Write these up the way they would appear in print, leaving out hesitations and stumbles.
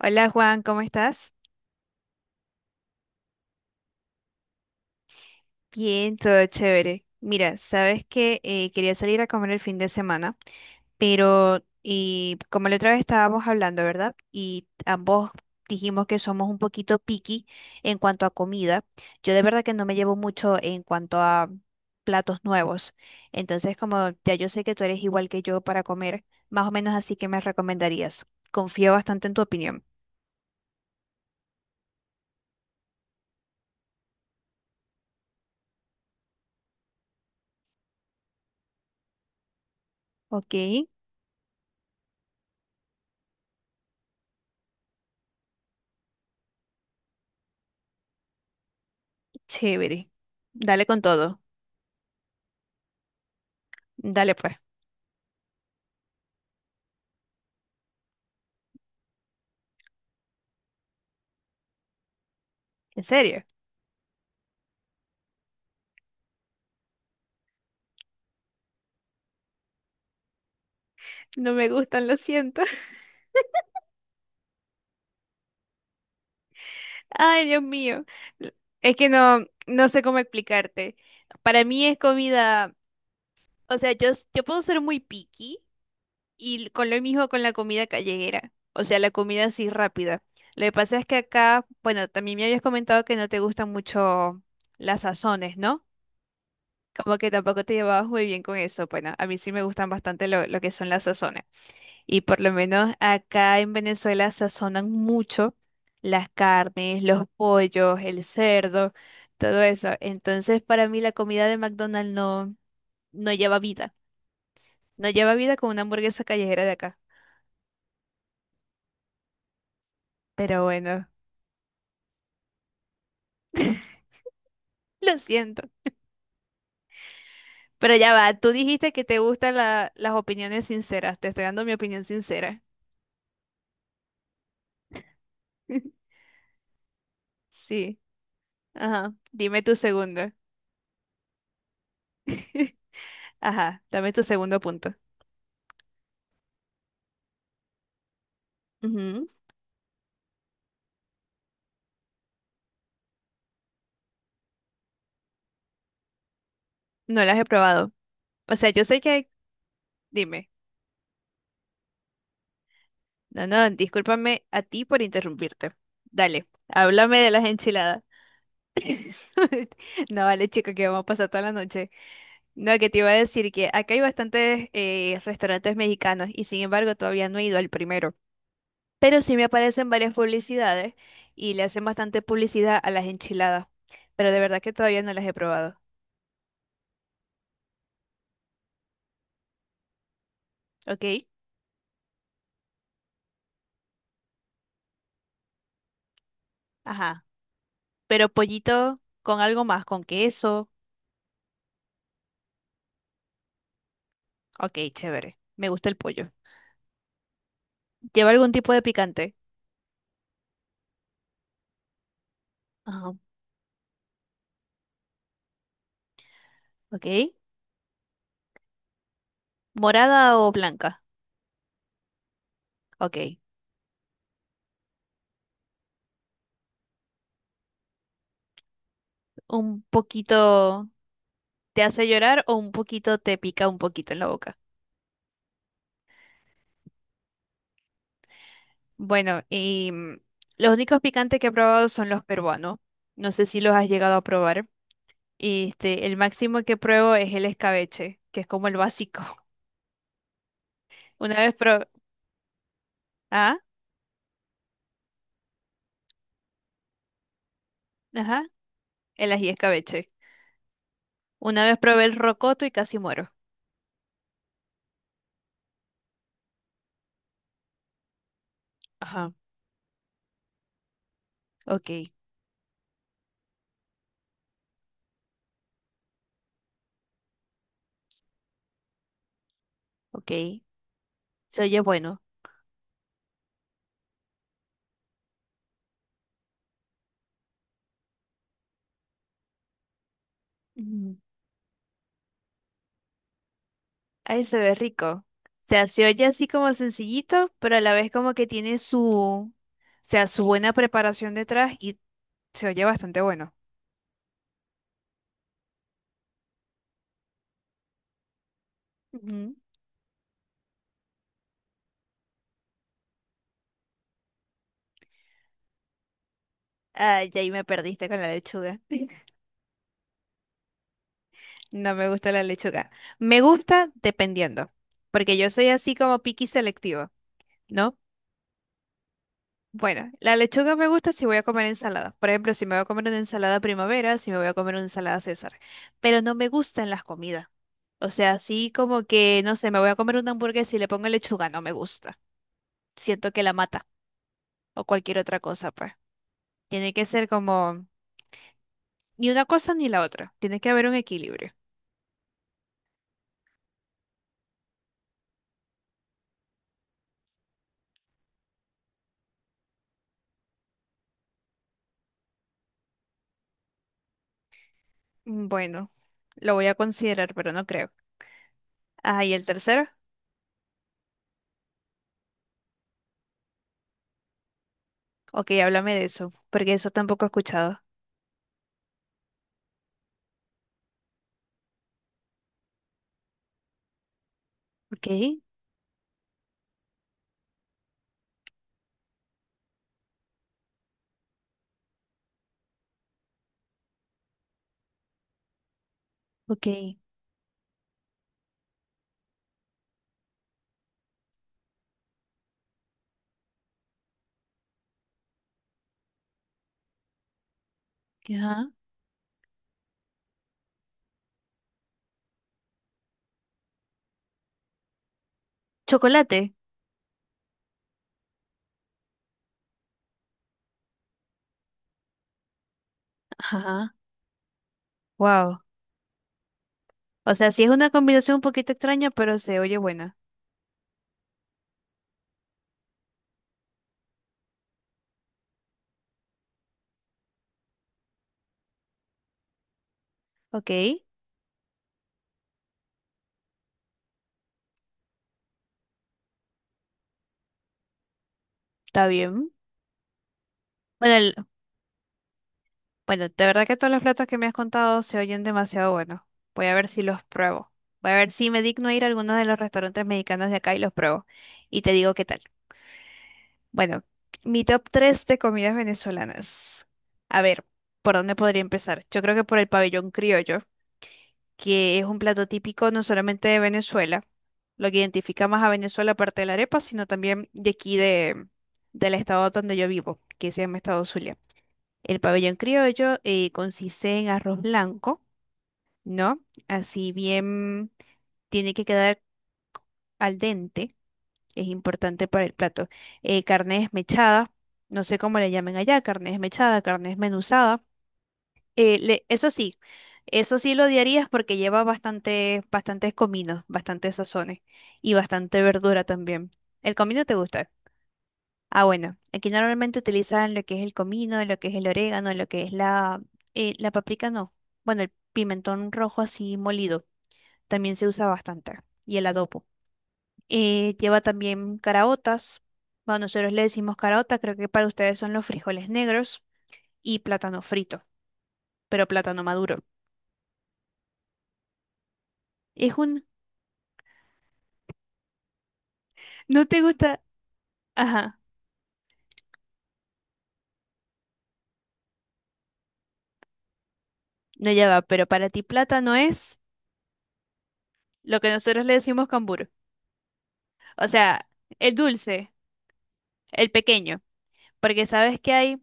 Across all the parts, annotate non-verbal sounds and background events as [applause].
Hola Juan, ¿cómo estás? Bien, todo chévere. Mira, sabes que quería salir a comer el fin de semana, pero y como la otra vez estábamos hablando, ¿verdad? Y ambos dijimos que somos un poquito picky en cuanto a comida. Yo de verdad que no me llevo mucho en cuanto a platos nuevos. Entonces, como ya yo sé que tú eres igual que yo para comer, más o menos así que me recomendarías. Confío bastante en tu opinión. Ok, chévere. Dale con todo. Dale pues. ¿En serio? No me gustan, lo siento. [laughs] Ay, Dios mío. Es que no sé cómo explicarte. Para mí es comida, o sea, yo, yo puedo ser muy picky y con lo mismo con la comida callejera, o sea, la comida así rápida. Lo que pasa es que acá, bueno, también me habías comentado que no te gustan mucho las sazones, ¿no? Como que tampoco te llevabas muy bien con eso. Bueno, a mí sí me gustan bastante lo que son las sazones. Y por lo menos acá en Venezuela sazonan mucho las carnes, los pollos, el cerdo, todo eso. Entonces, para mí la comida de McDonald's no lleva vida. No lleva vida como una hamburguesa callejera de acá. Pero bueno, [laughs] lo siento. Pero ya va, tú dijiste que te gustan las opiniones sinceras. Te estoy dando mi opinión sincera. [laughs] Sí. Ajá. Dime tu segundo. [laughs] Ajá, dame tu segundo punto. Ujú. No las he probado. O sea, yo sé que... Dime. No, no, discúlpame a ti por interrumpirte. Dale, háblame de las enchiladas. [laughs] No, vale, chico, que vamos a pasar toda la noche. No, que te iba a decir que acá hay bastantes restaurantes mexicanos y sin embargo todavía no he ido al primero. Pero sí me aparecen varias publicidades y le hacen bastante publicidad a las enchiladas. Pero de verdad que todavía no las he probado. ¿Ok? Ajá. Pero pollito con algo más, con queso. Ok, chévere. Me gusta el pollo. ¿Lleva algún tipo de picante? Ajá. Ok. ¿Morada o blanca? Ok. ¿Un poquito te hace llorar o un poquito te pica un poquito en la boca? Bueno, y los únicos picantes que he probado son los peruanos. No sé si los has llegado a probar. Este, el máximo que pruebo es el escabeche, que es como el básico. [laughs] Una vez probé... Ah, ajá, el ají escabeche. Una vez probé el rocoto y casi muero. Ajá, ok, ok. Se oye bueno. Ujú. Ay, se ve rico. O sea, se oye así como sencillito, pero a la vez como que tiene su, o sea, su buena preparación detrás y se oye bastante bueno. Ujú. Ay, ahí me perdiste con la lechuga. [laughs] No me gusta la lechuga. Me gusta dependiendo, porque yo soy así como picky selectivo, ¿no? Bueno, la lechuga me gusta si voy a comer ensalada. Por ejemplo, si me voy a comer una ensalada primavera, si me voy a comer una ensalada César. Pero no me gustan las comidas. O sea, así como que, no sé, me voy a comer una hamburguesa y le pongo lechuga, no me gusta. Siento que la mata o cualquier otra cosa, pues. Tiene que ser como ni una cosa ni la otra. Tiene que haber un equilibrio. Mm, bueno, lo voy a considerar, pero no creo. Ah, ¿y el tercero? Ok, háblame de eso, porque eso tampoco he escuchado. Ok, ok. Ajá. Chocolate. Ajá. Wow. O sea, sí es una combinación un poquito extraña, pero se oye buena. Ok, está bien. Bueno, el- bueno, de verdad que todos los platos que me has contado se oyen demasiado buenos. Voy a ver si los pruebo. Voy a ver si me digno a ir a alguno de los restaurantes mexicanos de acá y los pruebo. Y te digo qué tal. Bueno, mi top 3 de comidas venezolanas. A ver, ¿por dónde podría empezar? Yo creo que por el pabellón criollo. Que es un plato típico no solamente de Venezuela, lo que identifica más a Venezuela aparte de la arepa, sino también de aquí de, del estado donde yo vivo, que se llama Estado Zulia. El pabellón criollo consiste en arroz blanco, ¿no? Así bien tiene que quedar al dente, es importante para el plato. Carne desmechada, no sé cómo le llamen allá, carne desmechada, carne desmenuzada. Eh, le- eso sí, eso sí lo odiarías porque lleva bastante, bastantes cominos, bastantes sazones y bastante verdura también. ¿El comino te gusta? Ah, bueno, aquí normalmente utilizan lo que es el comino, lo que es el orégano, lo que es la paprika no. Bueno, el pimentón rojo así molido también se usa bastante y el adobo. Lleva también caraotas. Bueno, nosotros le decimos caraota, creo que para ustedes son los frijoles negros y plátano frito, pero plátano maduro. Es un... ¿No te gusta? Ajá, no ya va, pero para ti plátano es lo que nosotros le decimos cambur. O sea, el dulce, el pequeño. Porque sabes que hay.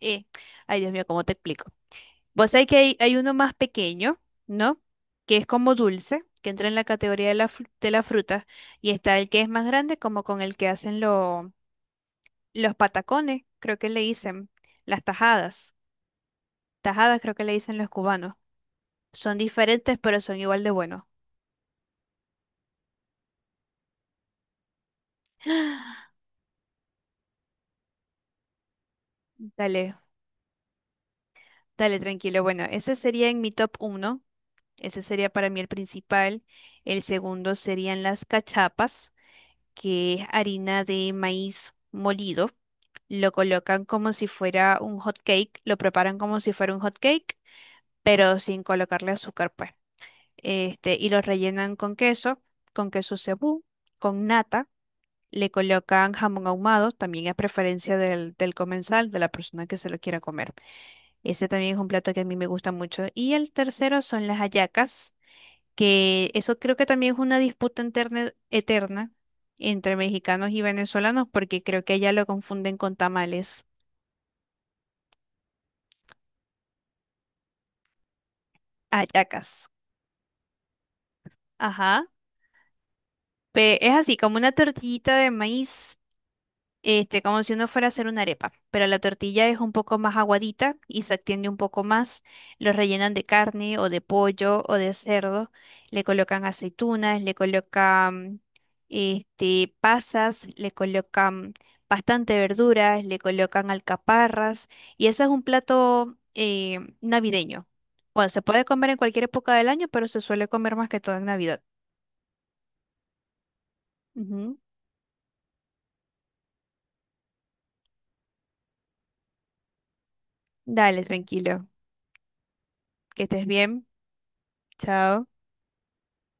eh, Ay, Dios mío, ¿cómo te explico? Vos sabés que hay uno más pequeño, ¿no? Que es como dulce, que entra en la categoría de de la fruta. Y está el que es más grande, como con el que hacen los patacones, creo que le dicen. Las tajadas. Tajadas creo que le dicen los cubanos. Son diferentes, pero son igual de buenos. [gasps] Dale. Dale, tranquilo. Bueno, ese sería en mi top uno. Ese sería para mí el principal. El segundo serían las cachapas, que es harina de maíz molido. Lo colocan como si fuera un hot cake, lo preparan como si fuera un hot cake, pero sin colocarle azúcar, pues. Este, y lo rellenan con queso cebú, con nata. Le colocan jamón ahumado, también a preferencia del comensal, de la persona que se lo quiera comer. Ese también es un plato que a mí me gusta mucho. Y el tercero son las hallacas, que eso creo que también es una disputa eterna entre mexicanos y venezolanos, porque creo que allá lo confunden con tamales. Hallacas. Ajá. Es así, como una tortillita de maíz. Este, como si uno fuera a hacer una arepa, pero la tortilla es un poco más aguadita y se extiende un poco más. Lo rellenan de carne o de pollo o de cerdo. Le colocan aceitunas, le colocan este, pasas, le colocan bastante verduras, le colocan alcaparras. Y ese es un plato navideño. Bueno, se puede comer en cualquier época del año, pero se suele comer más que todo en Navidad. Ujú. Dale, tranquilo. Que estés bien. Chao.